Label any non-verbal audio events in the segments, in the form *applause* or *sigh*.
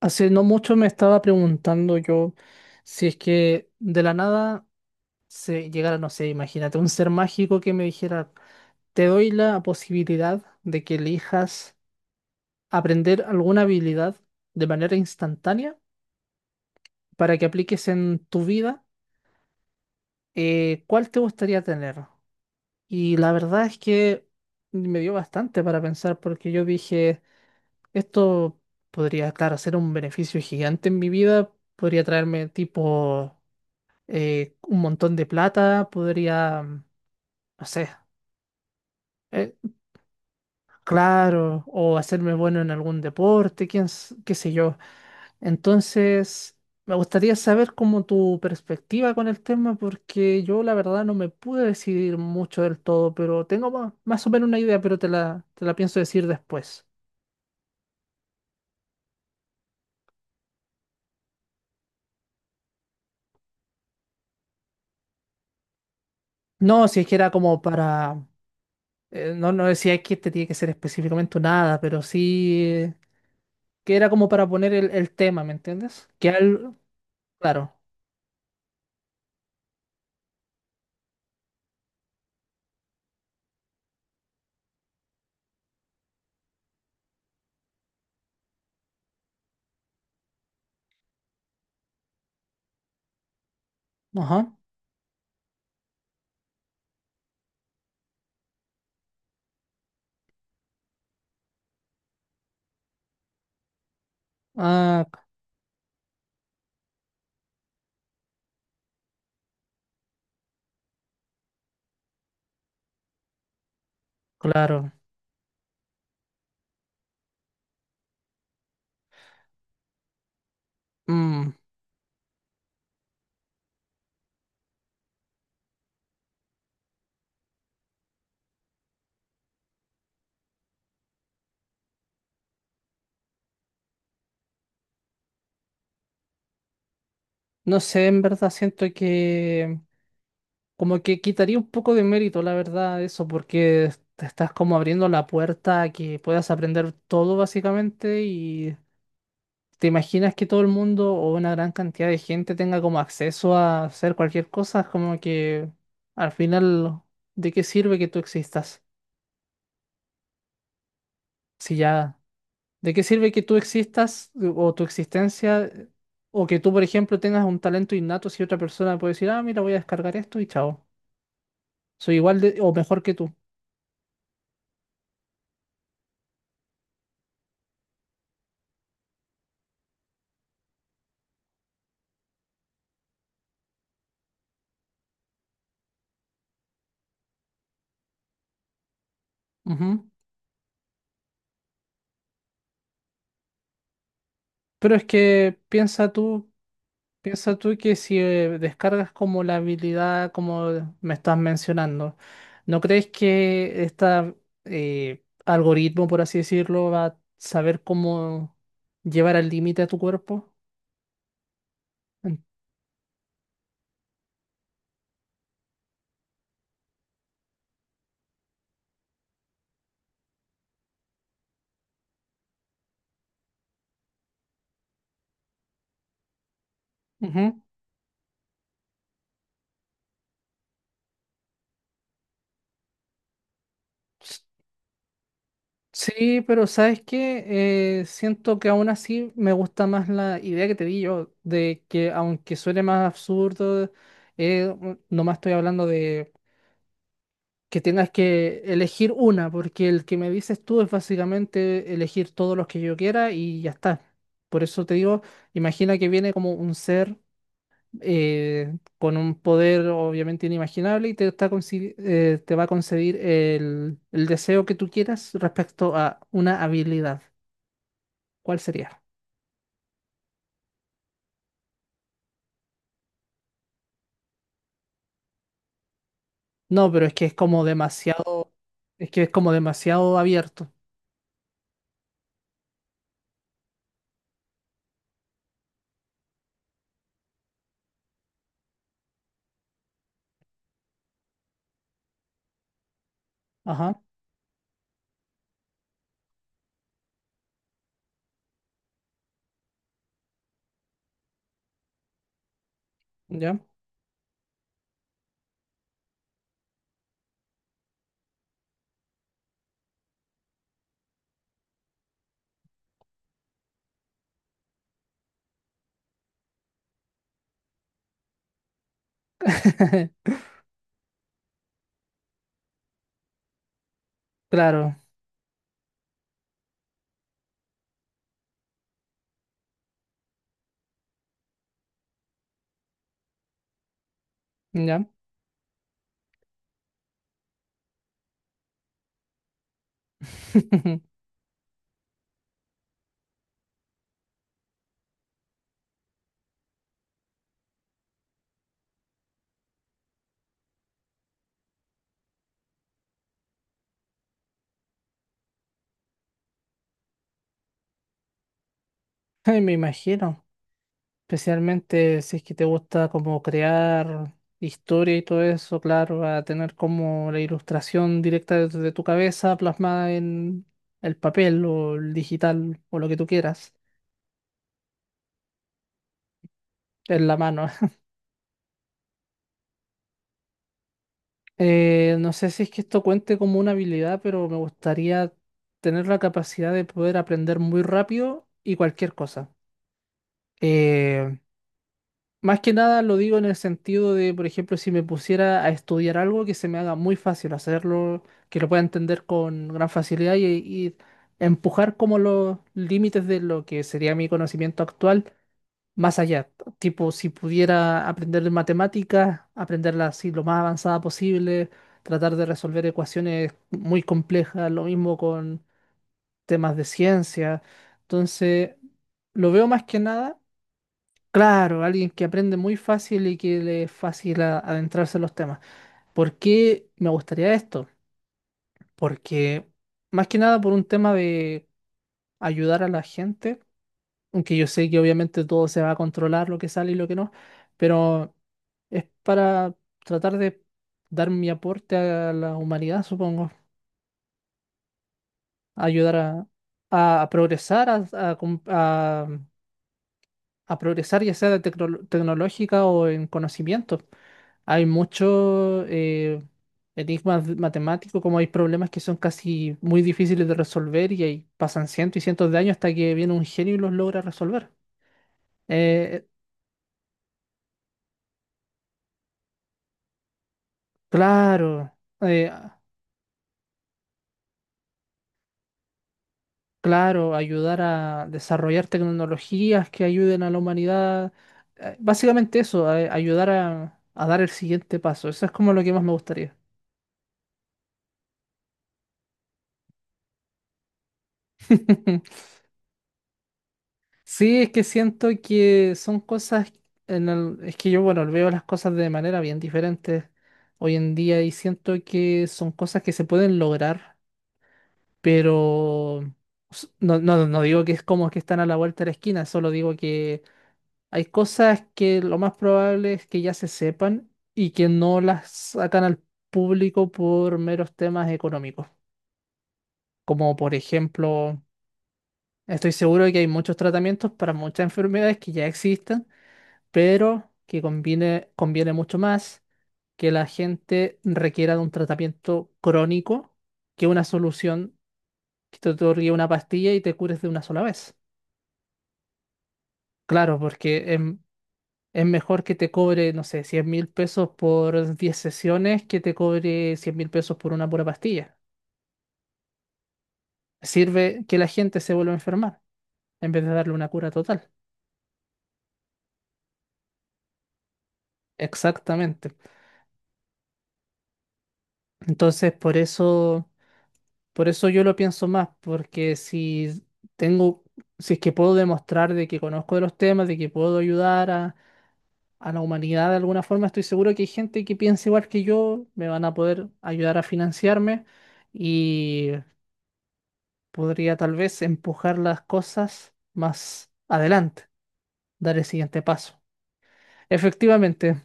Hace no mucho me estaba preguntando yo si es que de la nada se llegara, no sé, imagínate, un ser mágico que me dijera, te doy la posibilidad de que elijas aprender alguna habilidad de manera instantánea para que apliques en tu vida, ¿cuál te gustaría tener? Y la verdad es que me dio bastante para pensar porque yo dije, esto podría, claro, ser un beneficio gigante en mi vida, podría traerme tipo un montón de plata, podría, no sé, eh, claro, o hacerme bueno en algún deporte, quién, qué sé yo. Entonces, me gustaría saber como tu perspectiva con el tema, porque yo la verdad no me pude decidir mucho del todo, pero tengo más, o menos una idea, pero te la pienso decir después. No, si es que era como para, no, no decía que este tiene que ser específicamente nada pero sí... que era como para poner el tema, ¿me entiendes? Que al, claro. Ajá. Ah, c- claro. Mm, no sé, en verdad siento que como que quitaría un poco de mérito, la verdad, eso, porque te estás como abriendo la puerta a que puedas aprender todo básicamente y te imaginas que todo el mundo o una gran cantidad de gente tenga como acceso a hacer cualquier cosa, es como que al final, ¿de qué sirve que tú existas? Si ya ¿de qué sirve que tú existas o tu existencia o que tú, por ejemplo, tengas un talento innato si otra persona puede decir, ah, mira, voy a descargar esto y chao. Soy igual de, o mejor que tú. Ujú. Pero es que piensa tú que si descargas como la habilidad como me estás mencionando, ¿no crees que este algoritmo, por así decirlo, va a saber cómo llevar al límite a tu cuerpo? En- ujú. Sí, pero ¿sabes qué? Siento que aún así me gusta más la idea que te di yo, de que aunque suene más absurdo, nomás estoy hablando de que tengas que elegir una, porque el que me dices tú es básicamente elegir todos los que yo quiera y ya está. Por eso te digo, imagina que viene como un ser con un poder obviamente inimaginable y te, te va a conceder el deseo que tú quieras respecto a una habilidad. ¿Cuál sería? No, pero es que es como demasiado, es que es como demasiado abierto. Ajá, ¿ya? *laughs* Claro, ¿ya? *laughs* Ay, me imagino, especialmente si es que te gusta como crear historia y todo eso, claro, va a tener como la ilustración directa de tu cabeza plasmada en el papel o el digital o lo que tú quieras, en la mano. No sé si es que esto cuente como una habilidad, pero me gustaría tener la capacidad de poder aprender muy rápido y cualquier cosa. Eh, más que nada lo digo en el sentido de, por ejemplo, si me pusiera a estudiar algo que se me haga muy fácil hacerlo, que lo pueda entender con gran facilidad y empujar como los límites de lo que sería mi conocimiento actual más allá. Tipo, si pudiera aprender matemáticas, aprenderla así lo más avanzada posible, tratar de resolver ecuaciones muy complejas, lo mismo con temas de ciencia. Entonces, lo veo más que nada, claro, alguien que aprende muy fácil y que le es fácil adentrarse en los temas. ¿Por qué me gustaría esto? Porque más que nada por un tema de ayudar a la gente, aunque yo sé que obviamente todo se va a controlar, lo que sale y lo que no, pero es para tratar de dar mi aporte a la humanidad, supongo. A ayudar a, a progresar, a, a com- a- a progresar ya sea de tecnológica o en conocimiento. Hay muchos enigmas matemáticos, como hay problemas que son casi muy difíciles de resolver y ahí pasan cientos y cientos de años hasta que viene un genio y los logra resolver. Eh, claro. eh, Claro, ayudar a desarrollar tecnologías que ayuden a la humanidad. Básicamente eso, ayudar a dar el siguiente paso. Eso es como lo que más me gustaría. *laughs* Sí, es que siento que son cosas, es que yo, bueno, veo las cosas de manera bien diferente hoy en día y siento que son cosas que se pueden lograr, pero no, no, no digo que es como que están a la vuelta de la esquina, solo digo que hay cosas que lo más probable es que ya se sepan y que no las sacan al público por meros temas económicos. Como por ejemplo, estoy seguro de que hay muchos tratamientos para muchas enfermedades que ya existen, pero que conviene, conviene mucho más que la gente requiera de un tratamiento crónico que una solución que te otorgue una pastilla y te cures de una sola vez. Claro, porque es mejor que te cobre, no sé, 100.000 pesos por 10 sesiones que te cobre 100.000 pesos por una pura pastilla. Sirve que la gente se vuelva a enfermar en vez de darle una cura total. Exactamente. Entonces, por eso yo lo pienso más, porque si tengo, si es que puedo demostrar de que conozco de los temas, de que puedo ayudar a la humanidad de alguna forma, estoy seguro que hay gente que piensa igual que yo, me van a poder ayudar a financiarme. Y podría tal vez empujar las cosas más adelante, dar el siguiente paso. Efectivamente,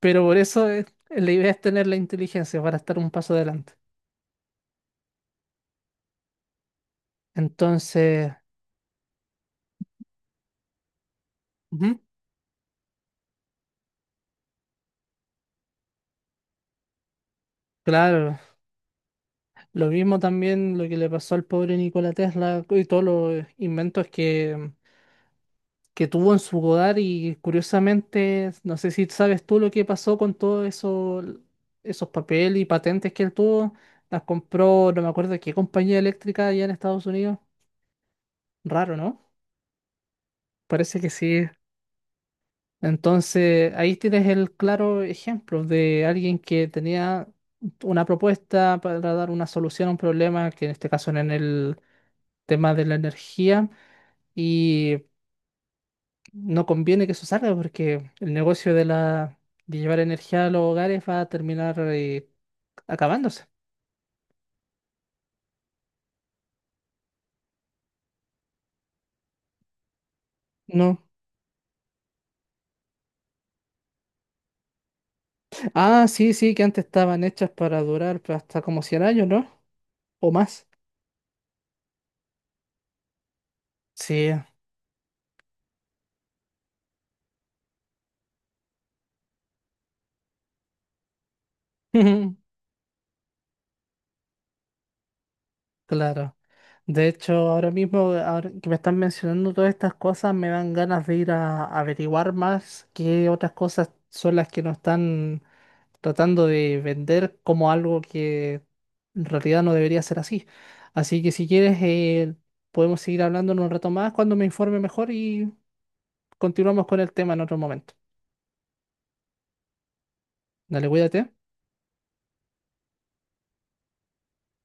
pero por eso la idea es tener la inteligencia para estar un paso adelante. Entonces, ujú, claro, lo mismo también lo que le pasó al pobre Nikola Tesla y todos los inventos que tuvo en su hogar y curiosamente, no sé si sabes tú lo que pasó con todos eso, esos papeles y patentes que él tuvo, las compró, no me acuerdo qué compañía eléctrica allá en Estados Unidos. Raro, ¿no? Parece que sí. Entonces, ahí tienes el claro ejemplo de alguien que tenía una propuesta para dar una solución a un problema, que en este caso era en el tema de la energía, y no conviene que eso salga porque el negocio de la de llevar energía a los hogares va a terminar acabándose. No. Ah, sí, sí, que antes estaban hechas para durar pues, hasta como 100 años, ¿no? O más. Sí, *laughs* claro. De hecho, ahora mismo, ahora que me están mencionando todas estas cosas, me dan ganas de ir a averiguar más qué otras cosas son las que no están tratando de vender como algo que en realidad no debería ser así. Así que si quieres, podemos seguir hablando en un rato más cuando me informe mejor y continuamos con el tema en otro momento. Dale, cuídate.